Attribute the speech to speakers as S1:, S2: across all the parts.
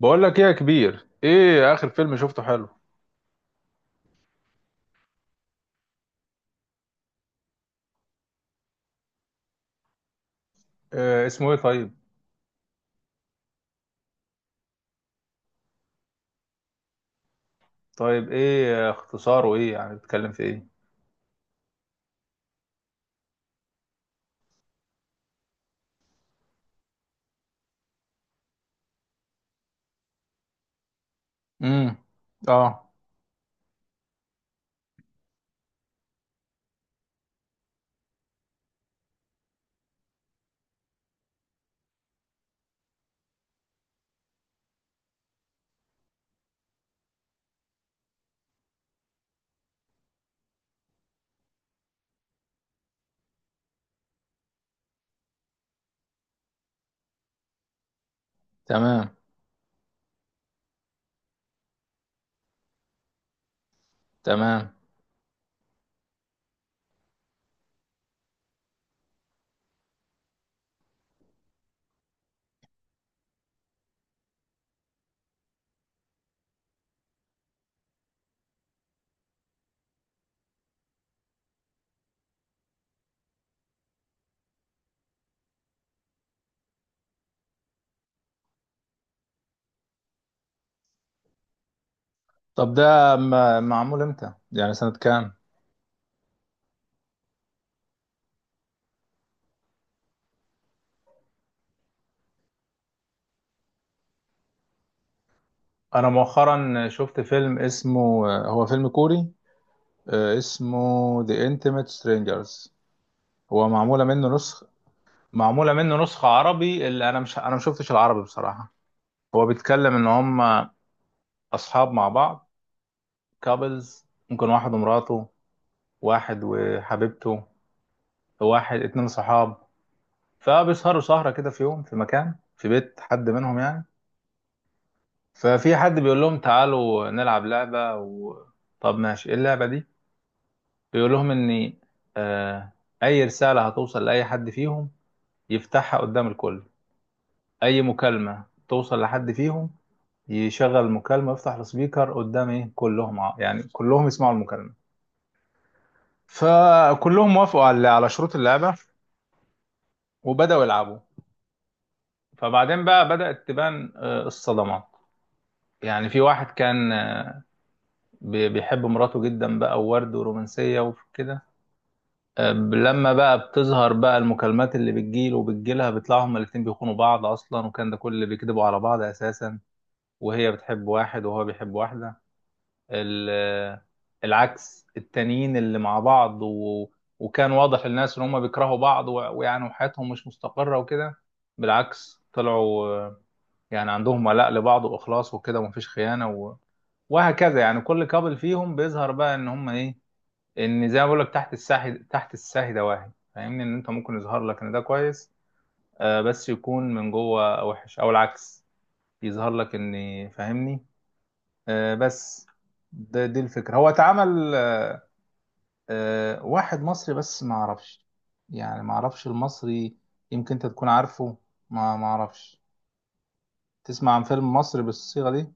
S1: بقول لك ايه يا كبير، ايه اخر فيلم شفته حلو؟ إيه اسمه ايه طيب؟ طيب ايه اختصاره، ايه يعني بيتكلم في ايه؟ امم. اه. تمام. تمام. طب ده معمول امتى، يعني سنة كام؟ انا مؤخرا شفت فيلم اسمه هو فيلم كوري. اسمه The Intimate Strangers. هو معمولة منه نسخة. معمولة منه نسخة عربي، اللي انا ما شفتش العربي بصراحة. هو بيتكلم ان هم اصحاب مع بعض، كابلز، ممكن واحد ومراته، واحد وحبيبته، واحد اتنين صحاب. فبيسهروا سهرة كده في يوم في مكان في بيت حد منهم يعني. ففي حد بيقول لهم تعالوا نلعب لعبة. طب ماشي، ايه اللعبة دي؟ بيقول لهم ان آه اي رسالة هتوصل لأي حد فيهم يفتحها قدام الكل. اي مكالمة توصل لحد فيهم يشغل المكالمة، يفتح السبيكر قدام ايه كلهم، يعني كلهم يسمعوا المكالمة. فكلهم وافقوا على شروط اللعبة وبدأوا يلعبوا. فبعدين بقى بدأت تبان الصدمات. يعني في واحد كان، بيحب مراته جدا بقى، وورد ورومانسية وكده. لما بقى بتظهر بقى المكالمات اللي بتجيله وبتجيلها، بيطلعوا هما الاتنين بيخونوا بعض أصلا، وكان ده كل اللي بيكذبوا على بعض أساسا. وهي بتحب واحد وهو بيحب واحدة ال- آه، العكس التانيين اللي مع بعض. وكان واضح للناس إن هما بيكرهوا بعض، ويعني وحياتهم مش مستقرة وكده. بالعكس، طلعوا يعني عندهم ولاء لبعض واخلاص وكده ومفيش خيانه. وهكذا يعني كل كابل فيهم بيظهر بقى ان هم ايه، ان زي ما بقول لك، تحت الساحي، تحت الساهي دواهي، فاهمني ان انت ممكن يظهر لك ان ده كويس آه، بس يكون من جوه وحش، او العكس يظهر لك. فاهمني. آه بس. ده دي الفكره، هو اتعمل آه واحد مصري بس ما اعرفش، يعني ما اعرفش المصري، يمكن انت تكون عارفه. ما اعرفش، تسمع عن فيلم مصري بالصيغه دي؟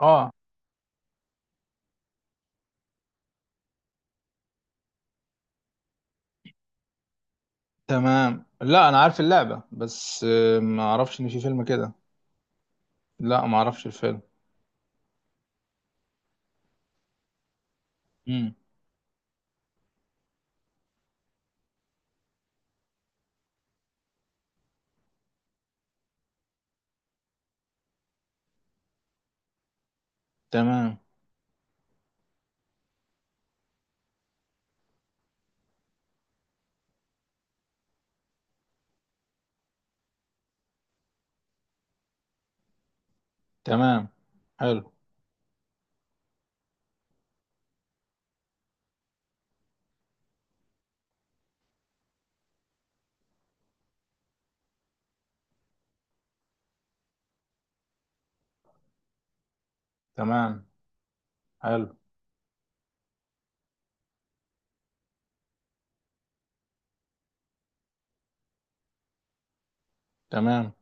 S1: اه. تمام. لا انا عارف اللعبة بس ما اعرفش ان في فيلم كده. لا ما اعرفش الفيلم. امم. تمام. تمام. حلو. تمام. حلو. تمام.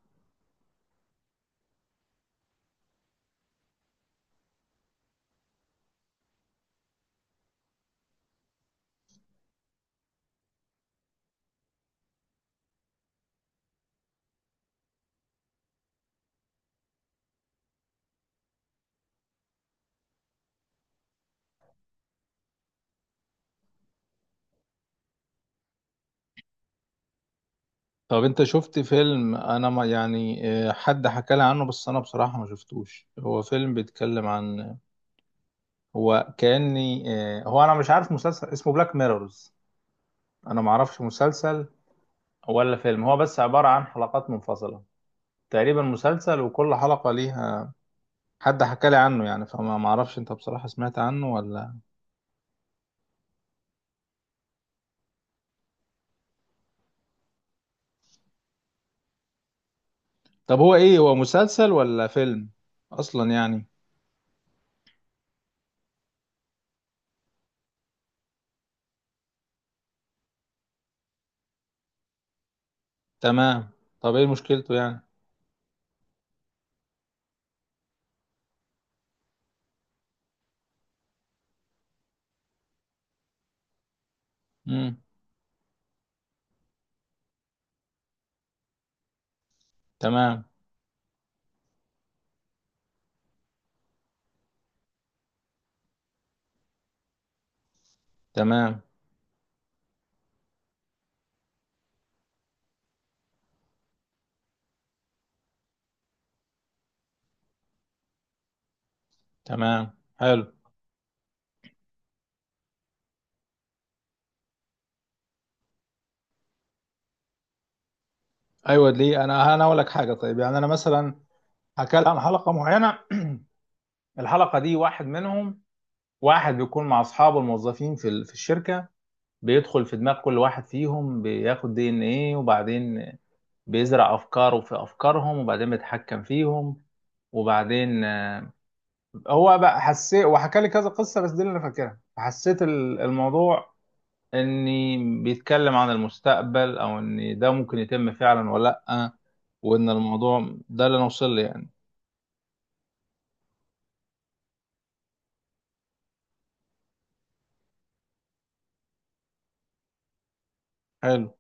S1: طب انت شفت فيلم انا ما يعني، حد حكى لي عنه بس انا بصراحة ما شفتوش، هو فيلم بيتكلم عن، هو كأني هو انا مش عارف، مسلسل اسمه بلاك ميرورز، انا ما اعرفش مسلسل ولا فيلم، هو بس عبارة عن حلقات منفصلة، تقريبا مسلسل وكل حلقة ليها، حد حكى لي عنه يعني، فما ما اعرفش، انت بصراحة سمعت عنه ولا؟ طب هو ايه، هو مسلسل ولا فيلم اصلا يعني؟ تمام. طب ايه مشكلته يعني؟ امم. تمام. تمام. تمام. حلو. ايوه ليه، انا اقول لك حاجة طيب، يعني انا مثلا حكى لي عن حلقة معينة. الحلقة دي واحد منهم، واحد بيكون مع اصحابه الموظفين في الشركة، بيدخل في دماغ كل واحد فيهم، بياخد دي ان ايه، وبعدين بيزرع افكاره في افكارهم، وبعدين بيتحكم فيهم. وبعدين هو بقى حسيت، وحكى لي كذا قصه بس دي اللي انا فاكرها، حسيت الموضوع اني بيتكلم عن المستقبل، او ان ده ممكن يتم فعلا ولا لا. وان الموضوع ده اللي انا وصل لي يعني. حلو.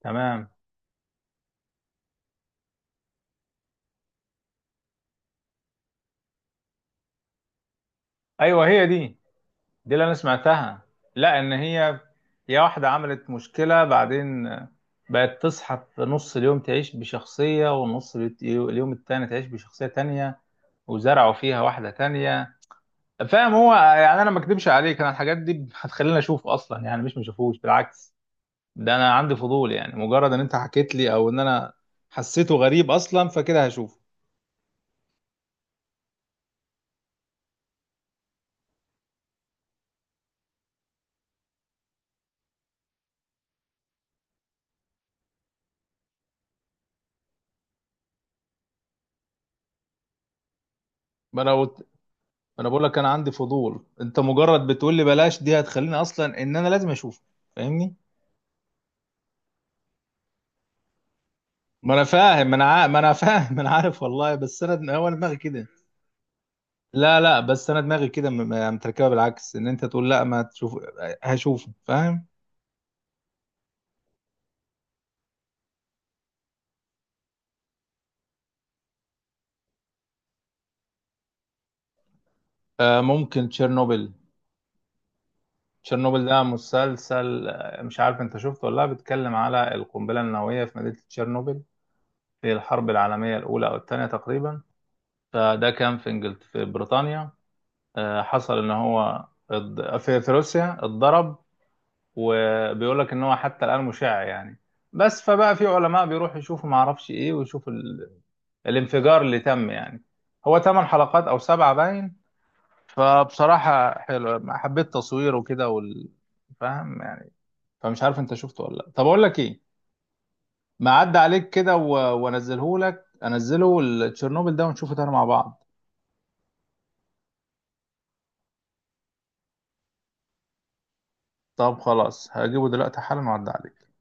S1: تمام. ايوه هي دي، دي اللي انا سمعتها. لا ان هي واحده عملت مشكله، بعدين بقت تصحى في نص اليوم تعيش بشخصيه، ونص اليوم التاني تعيش بشخصيه تانية، وزرعوا فيها واحده تانية. فاهم، هو يعني انا ما اكدبش عليك، انا الحاجات دي هتخليني اشوف اصلا، يعني مش ما اشوفوش، بالعكس، ده انا عندي فضول يعني، مجرد ان انت حكيت لي، او ان انا حسيته غريب اصلا فكده هشوفه. ما انا قلت، ما انا بقول لك انا عندي فضول، انت مجرد بتقول لي بلاش دي هتخليني اصلا ان انا لازم اشوفه، فاهمني. ما انا فاهم، ما انا عارف والله، بس هو أنا دماغي كده. لا لا، بس انا دماغي كده متركبه بالعكس، ان انت تقول لا ما تشوف، هشوفه، فاهم. آه ممكن تشيرنوبل. تشيرنوبل ده مسلسل، مش عارف انت شفته ولا لا، بيتكلم على القنبلة النووية في مدينة تشيرنوبل في الحرب العالمية الأولى أو الثانية تقريبا. فده كان في إنجلت في بريطانيا. حصل إن هو في روسيا اتضرب. وبيقول لك إن هو حتى الآن مشع يعني. بس فبقى في علماء بيروحوا يشوفوا ما اعرفش ايه، ويشوفوا الانفجار اللي تم يعني. هو ثمان حلقات او سبعة باين. فبصراحة حلو، حبيت تصويره كده. فاهم. فمش عارف انت شفته ولا لا، طب اقول لك ايه، ما عدى عليك كده و... وانزله لك، انزله التشيرنوبل ده ونشوفه تاني مع بعض. طب خلاص هجيبه دلوقتي حالا وعدى عليك.